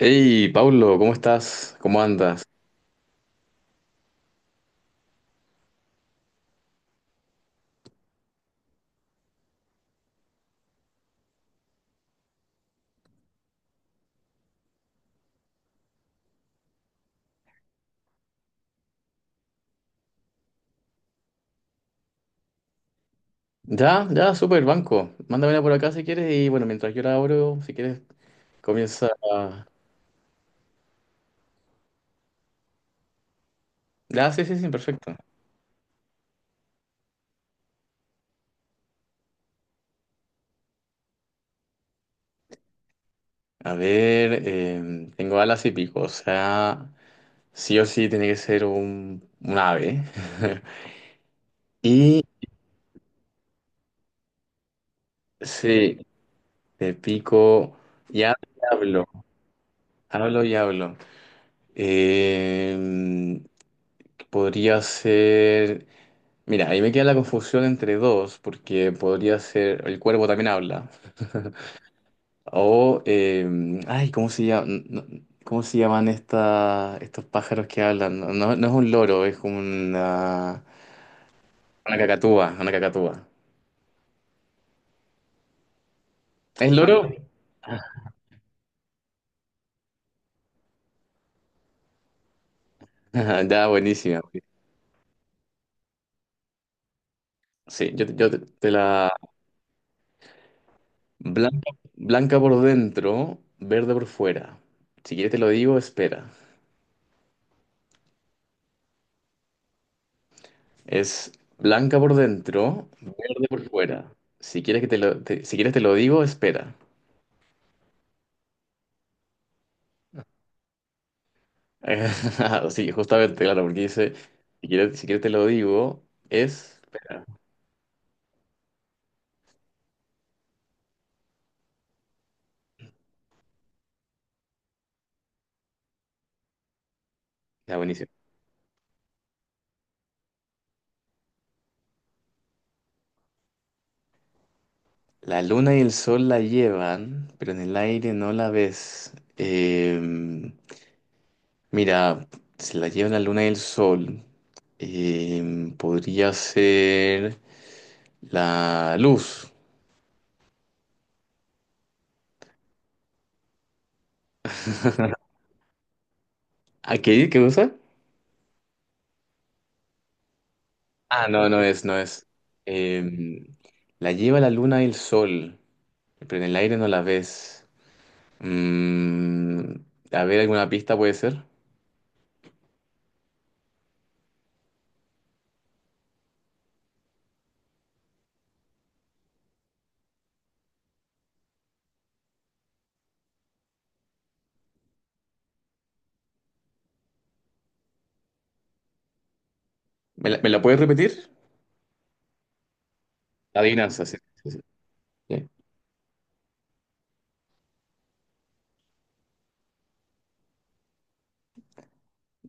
Hey, Pablo, ¿cómo estás? ¿Cómo andas? Ya, ya, súper, banco. Mándamela por acá si quieres y bueno, mientras yo la abro, si quieres, comienza. Ya, sí, sí, sí, perfecto. A ver, tengo alas y pico, o sea, sí o sí tiene que ser un ave. Y sí, de pico y hablo, hablo y hablo. Eh, podría ser. Mira, ahí me queda la confusión entre dos, porque podría ser el cuervo también habla. O, ay, ¿cómo se llama? ¿Cómo se llaman estos pájaros que hablan? No, no es un loro, es como una cacatúa, una cacatúa. ¿Es loro? Ya, buenísima. Sí, yo te la... Blanca, blanca por dentro, verde por fuera. Si quieres te lo digo, espera. Es blanca por dentro, verde por fuera. Si quieres que si quieres te lo digo, Espera. Sí, justamente, claro, porque dice, si quieres, si quieres te lo digo, es... Espera. Ya, buenísimo. La luna y el sol la llevan, pero en el aire no la ves. Mira, si la llevan la luna y el sol, podría ser la luz. ¿A qué? ¿Qué usa? Ah, no, no es, no es. Em, la lleva la luna y el sol, pero en el aire no la ves. Mm, a ver, ¿alguna pista puede ser? ¿Me me la puedes repetir? La adivinanza, sí. Sí, sí. Bien.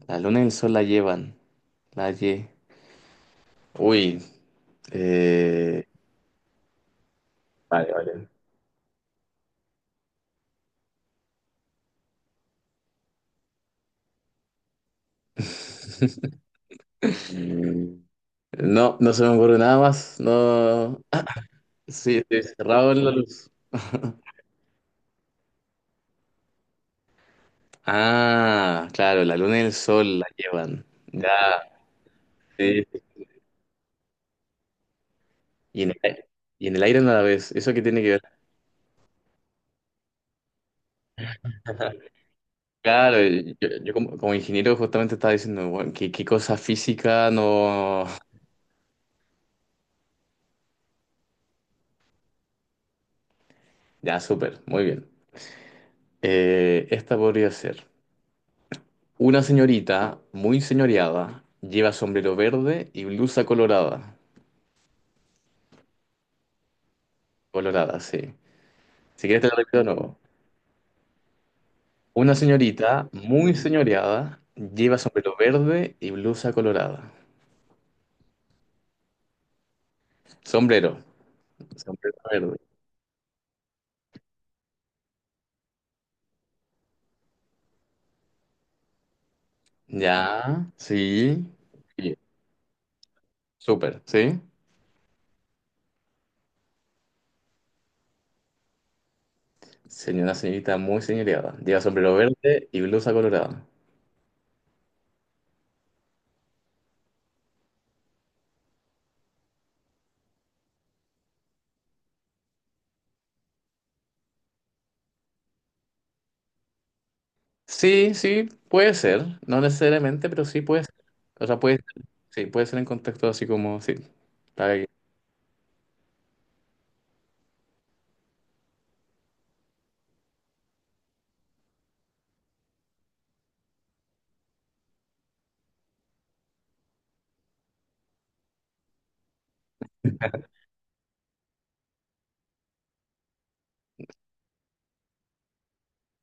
La luna y el sol la llevan. La lle... Uy. eh, Vale, vale. Mm, no, no se me ocurre nada más. No. Ah, sí, estoy cerrado en la luz. Ah, claro, la luna y el sol la llevan. Ya. Sí. Y en el aire, y en el aire nada vez, ¿eso qué tiene que ver? Claro, yo como, como ingeniero justamente estaba diciendo, bueno, qué cosa física no... Ya, súper, muy bien. Esta podría ser. Una señorita muy señoreada lleva sombrero verde y blusa colorada. Colorada, sí. Si quieres te lo repito de nuevo. Una señorita muy señoreada lleva sombrero verde y blusa colorada. Sombrero. Sombrero verde. Ya, sí. Súper, ¿sí? Sería una señorita muy señoreada. Lleva sombrero verde y blusa colorada. Sí, sí, puede ser. No necesariamente, pero sí puede ser. O sea, puede ser. Sí, puede ser en contexto así como, sí. Para que-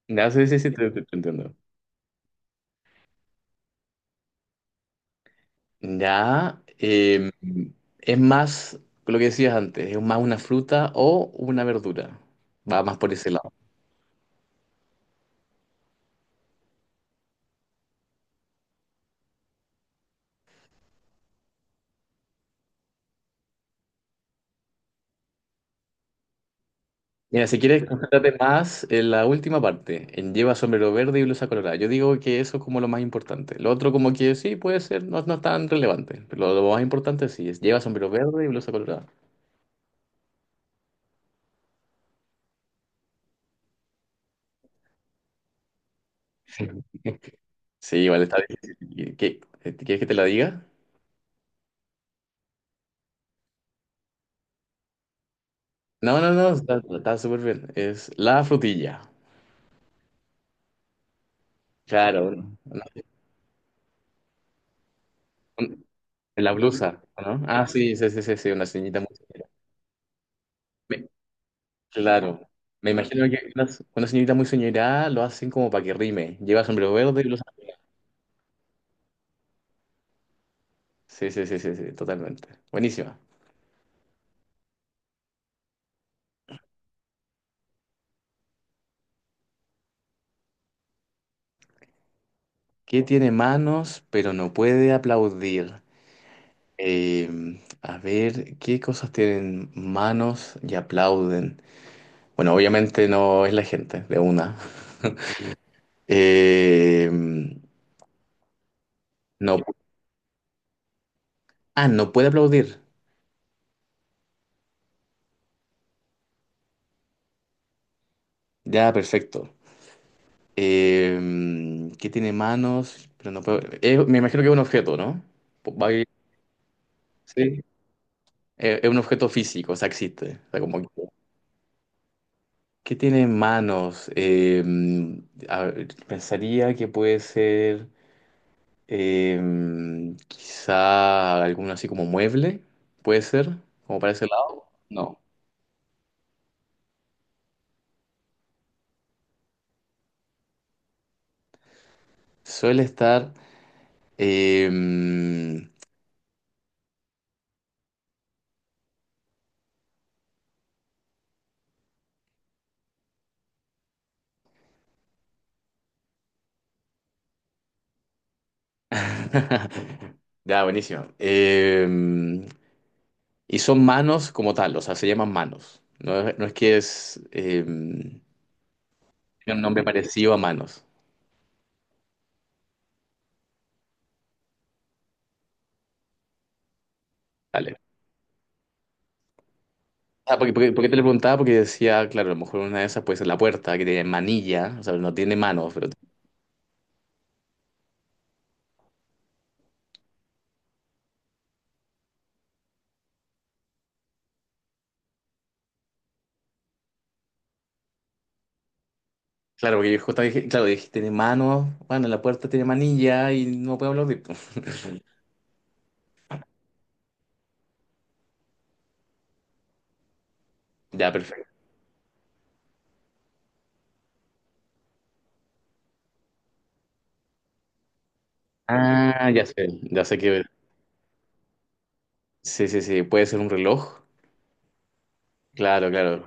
Ya, sí, sí, sí, te entiendo. Ya, es más lo que decías antes, es más una fruta o una verdura. Va más por ese lado. Mira, si quieres, concéntrate más en la última parte, en lleva sombrero verde y blusa colorada. Yo digo que eso es como lo más importante. Lo otro como que sí, puede ser, no, no es tan relevante, pero lo más importante sí es lleva sombrero verde y blusa colorada. Sí, sí, igual está difícil. ¿Qué- qué- ¿Quieres que te la diga? No, no, no, está súper bien. Es la frutilla. Claro, no, no, la blusa, ¿no? Ah, sí, sí, sí, sí, sí, una ceñita muy... severa. Claro. Me imagino que una señorita muy soñorada lo hacen como para que rime. Lleva sombrero verde y los... Sí, sí, sí, sí, sí, totalmente. Buenísima. ¿Qué tiene manos pero no puede aplaudir? Eh, a ver, ¿qué cosas tienen manos y aplauden? Bueno, obviamente no es la gente, de una. Eh, no, ah, no puede aplaudir. Ya, perfecto. ¿Qué tiene manos pero no puede... me imagino que es un objeto, ¿no? Va Sí, es un objeto físico, o sea, existe. O sea, como que, ¿qué tiene manos? A ver, pensaría que puede ser eh, quizá alguno así como mueble, puede ser, como para ese lado. No, suele estar... eh, Ya, buenísimo. Y son manos como tal, o sea, se llaman manos. No es, no es que es... tiene un nombre parecido a manos. Ah, porque, porque, porque te lo preguntaba, porque decía, claro, a lo mejor una de esas puede ser la puerta, que tiene manilla, o sea, no tiene manos, pero claro, porque yo justo dije, claro, dije, tiene manos, bueno, la puerta tiene manilla y no puedo hablar de... Ya, perfecto. Ah, ya sé que... Sí, sí, sí, puede ser un reloj. Claro, claro,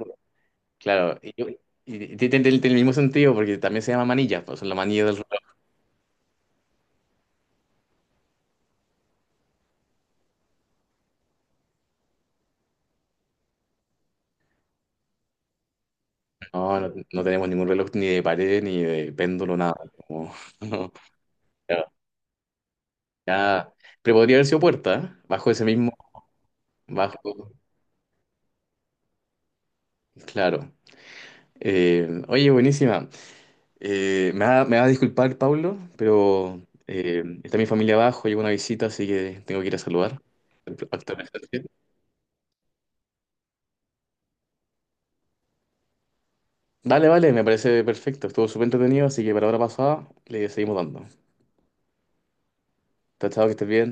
claro. Y tiene el mismo sentido, porque también se llama manilla, pues la manilla del reloj. No, no, no tenemos ningún reloj ni de pared, ni de péndulo, nada. Como- no, claro, ya. Pero podría haber sido puerta, ¿eh? Bajo ese mismo... Bajo, claro. Oye, buenísima. Me va a disculpar, Pablo, pero está mi familia abajo, llegó una visita, así que tengo que ir a saludar. Actualmente. Dale, vale, me parece perfecto. Estuvo súper entretenido, así que para la hora pasada le seguimos dando. Chao, chao, que estés bien.